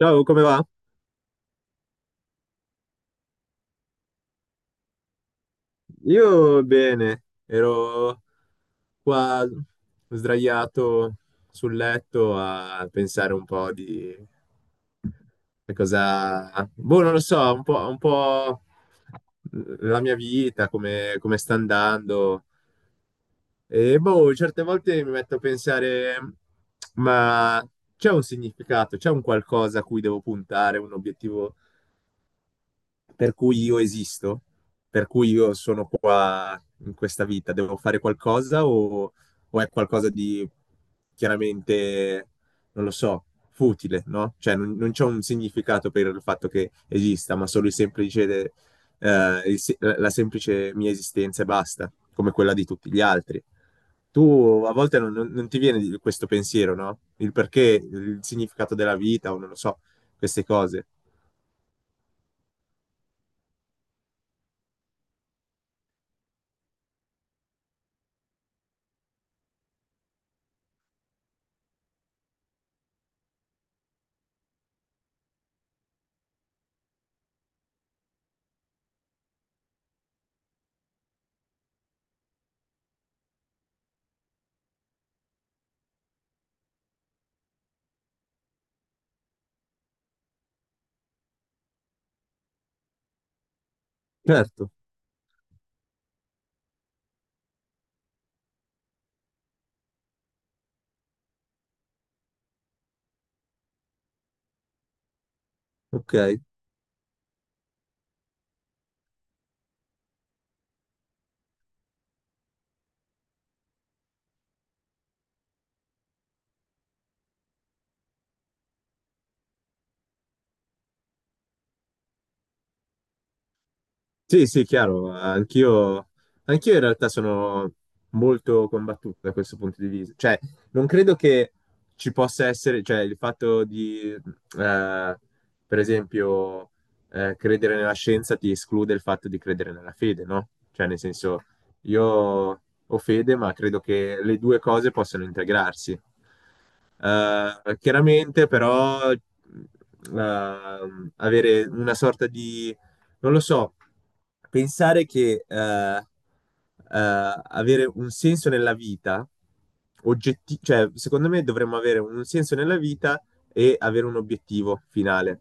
Ciao, come va? Io bene, ero qua sdraiato sul letto a pensare un po' di cosa... Boh, non lo so, un po' la mia vita, come, come sta andando. E boh, certe volte mi metto a pensare, ma c'è un significato, c'è un qualcosa a cui devo puntare, un obiettivo per cui io esisto, per cui io sono qua in questa vita, devo fare qualcosa o è qualcosa di chiaramente, non lo so, futile, no? Cioè non c'è un significato per il fatto che esista, ma solo il semplice, il se- la semplice mia esistenza e basta, come quella di tutti gli altri. Tu a volte non ti viene questo pensiero, no? Il perché, il significato della vita o non lo so, queste cose. Certo, ok. Sì, sì, chiaro, anch'io in realtà sono molto combattuto da questo punto di vista. Cioè, non credo che ci possa essere, cioè, il fatto di, per esempio, credere nella scienza ti esclude il fatto di credere nella fede, no? Cioè, nel senso, io ho fede, ma credo che le due cose possano integrarsi. Chiaramente, però, avere una sorta di non lo so, pensare che avere un senso nella vita, cioè, secondo me dovremmo avere un senso nella vita e avere un obiettivo finale,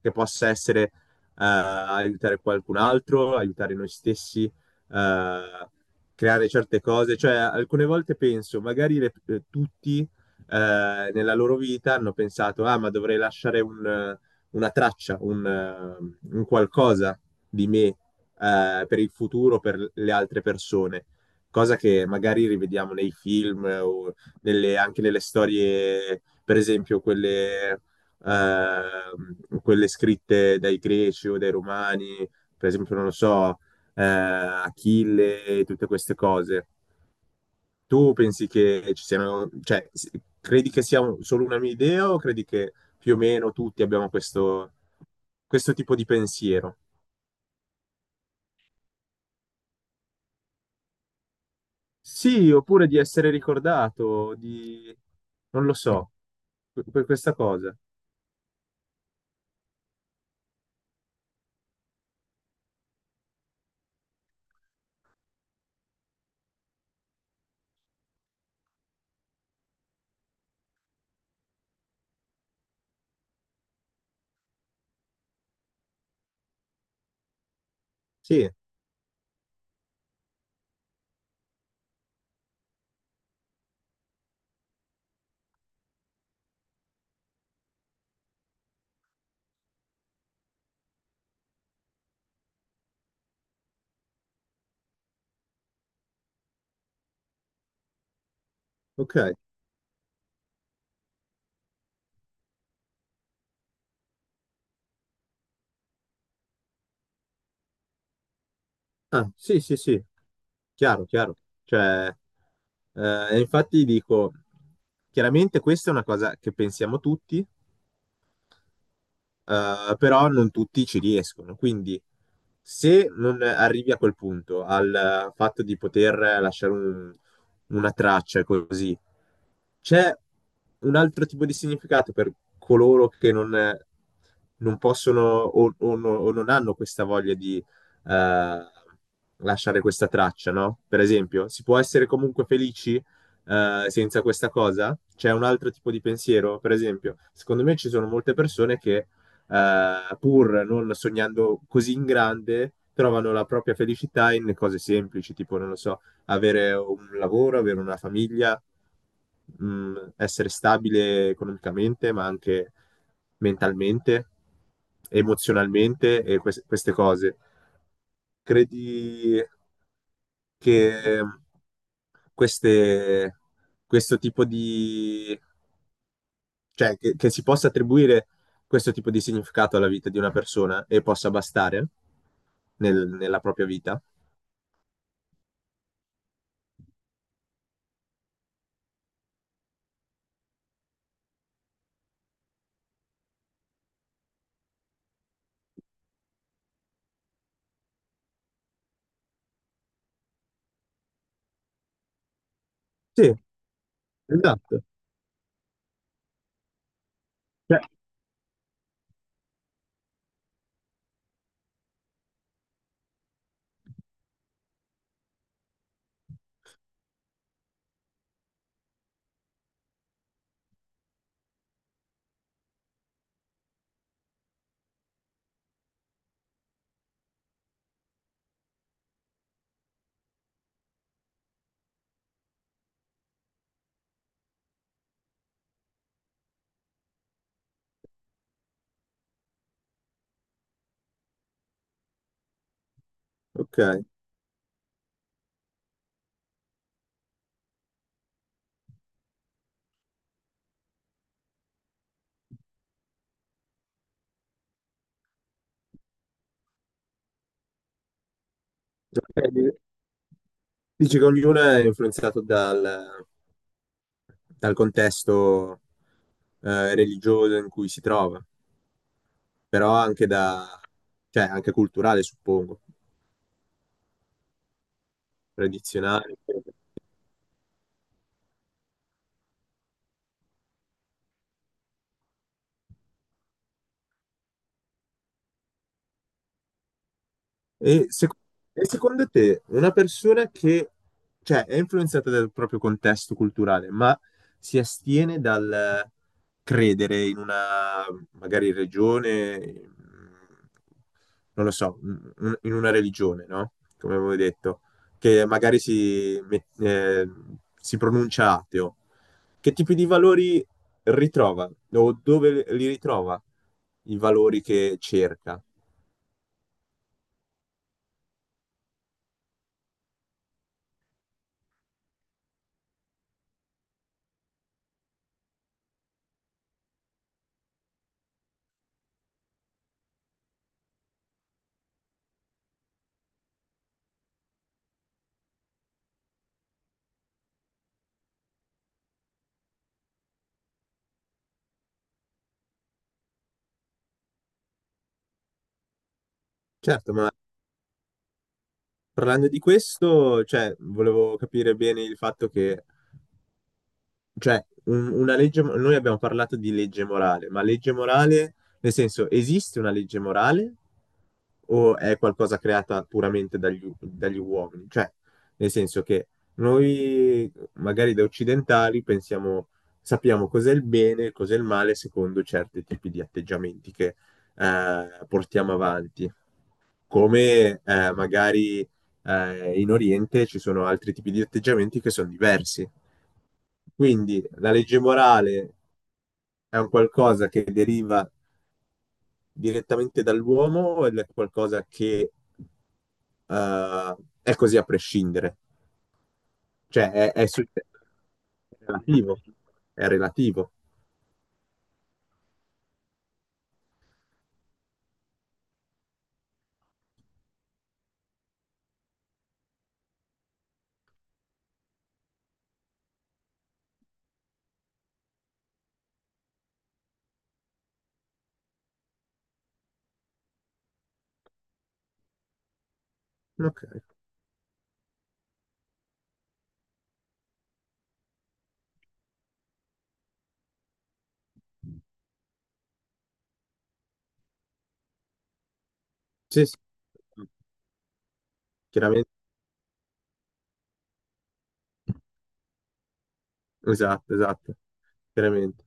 che possa essere aiutare qualcun altro, aiutare noi stessi, creare certe cose. Cioè, alcune volte penso, magari tutti nella loro vita hanno pensato, ah, ma dovrei lasciare un una traccia, un qualcosa di me per il futuro, per le altre persone, cosa che magari rivediamo nei film o nelle, anche nelle storie, per esempio quelle, quelle scritte dai greci o dai romani, per esempio, non lo so, Achille e tutte queste cose. Tu pensi che ci siano, cioè, credi che sia solo una mia idea o credi che più o meno tutti abbiamo questo, questo tipo di pensiero? Sì, oppure di essere ricordato, di... non lo so, per questa cosa. Sì, ok. Ah, sì, sì, sì, chiaro, chiaro. Cioè, infatti dico, chiaramente questa è una cosa che pensiamo tutti, però non tutti ci riescono. Quindi se non arrivi a quel punto, al fatto di poter lasciare una traccia e così, c'è un altro tipo di significato per coloro che non, non possono o, o non hanno questa voglia di eh, lasciare questa traccia, no? Per esempio, si può essere comunque felici senza questa cosa? C'è un altro tipo di pensiero? Per esempio, secondo me ci sono molte persone che pur non sognando così in grande, trovano la propria felicità in cose semplici, tipo, non lo so, avere un lavoro, avere una famiglia, essere stabile economicamente, ma anche mentalmente, emozionalmente e queste cose. Credi che queste- questo tipo di cioè, che si possa attribuire questo tipo di significato alla vita di una persona e possa bastare nella propria vita? Sì, esatto. Cioè, ok. Ok, dici che ognuno è influenzato dal, dal contesto religioso in cui si trova, però anche da, cioè, anche culturale, suppongo, tradizionale. E, sec- e secondo te, una persona che, cioè, è influenzata dal proprio contesto culturale, ma si astiene dal credere in una, magari, religione, mh, non lo so, in una religione, no? Come avevo detto, che magari si, si pronuncia ateo, che tipi di valori ritrova o dove li ritrova i valori che cerca? Certo, ma parlando di questo, cioè, volevo capire bene il fatto che, cioè, una legge, noi abbiamo parlato di legge morale, ma legge morale, nel senso, esiste una legge morale o è qualcosa creata puramente dagli, dagli uomini? Cioè, nel senso che noi, magari da occidentali, pensiamo, sappiamo cos'è il bene e cos'è il male secondo certi tipi di atteggiamenti che portiamo avanti come magari in Oriente ci sono altri tipi di atteggiamenti che sono diversi. Quindi la legge morale è un qualcosa che deriva direttamente dall'uomo o è qualcosa che eh, è così a prescindere? Cioè è relativo, è relativo. Ok. Sì, sì. Chiaramente. Esatto, esatto, veramente.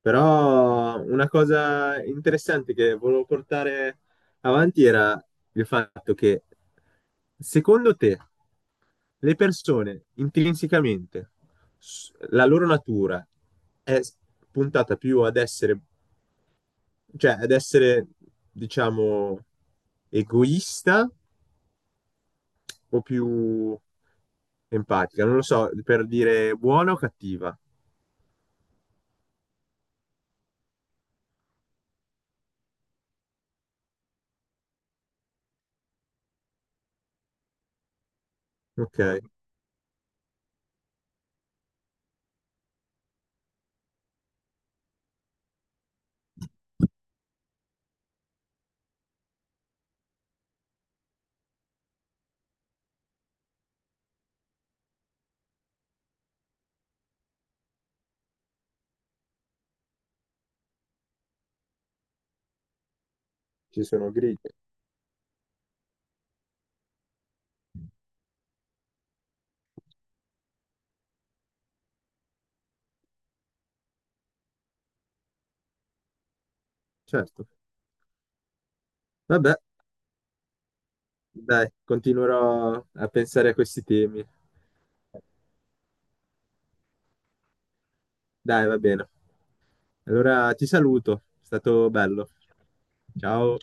Però una cosa interessante che volevo portare avanti era il fatto che secondo te le persone intrinsecamente, la loro natura è puntata più ad essere, cioè ad essere, diciamo, egoista o più empatica? Non lo so, per dire buona o cattiva. Ok, ci sono griglie. Certo. Vabbè, dai, continuerò a pensare a questi temi. Dai, va bene. Allora ti saluto, è stato bello. Ciao.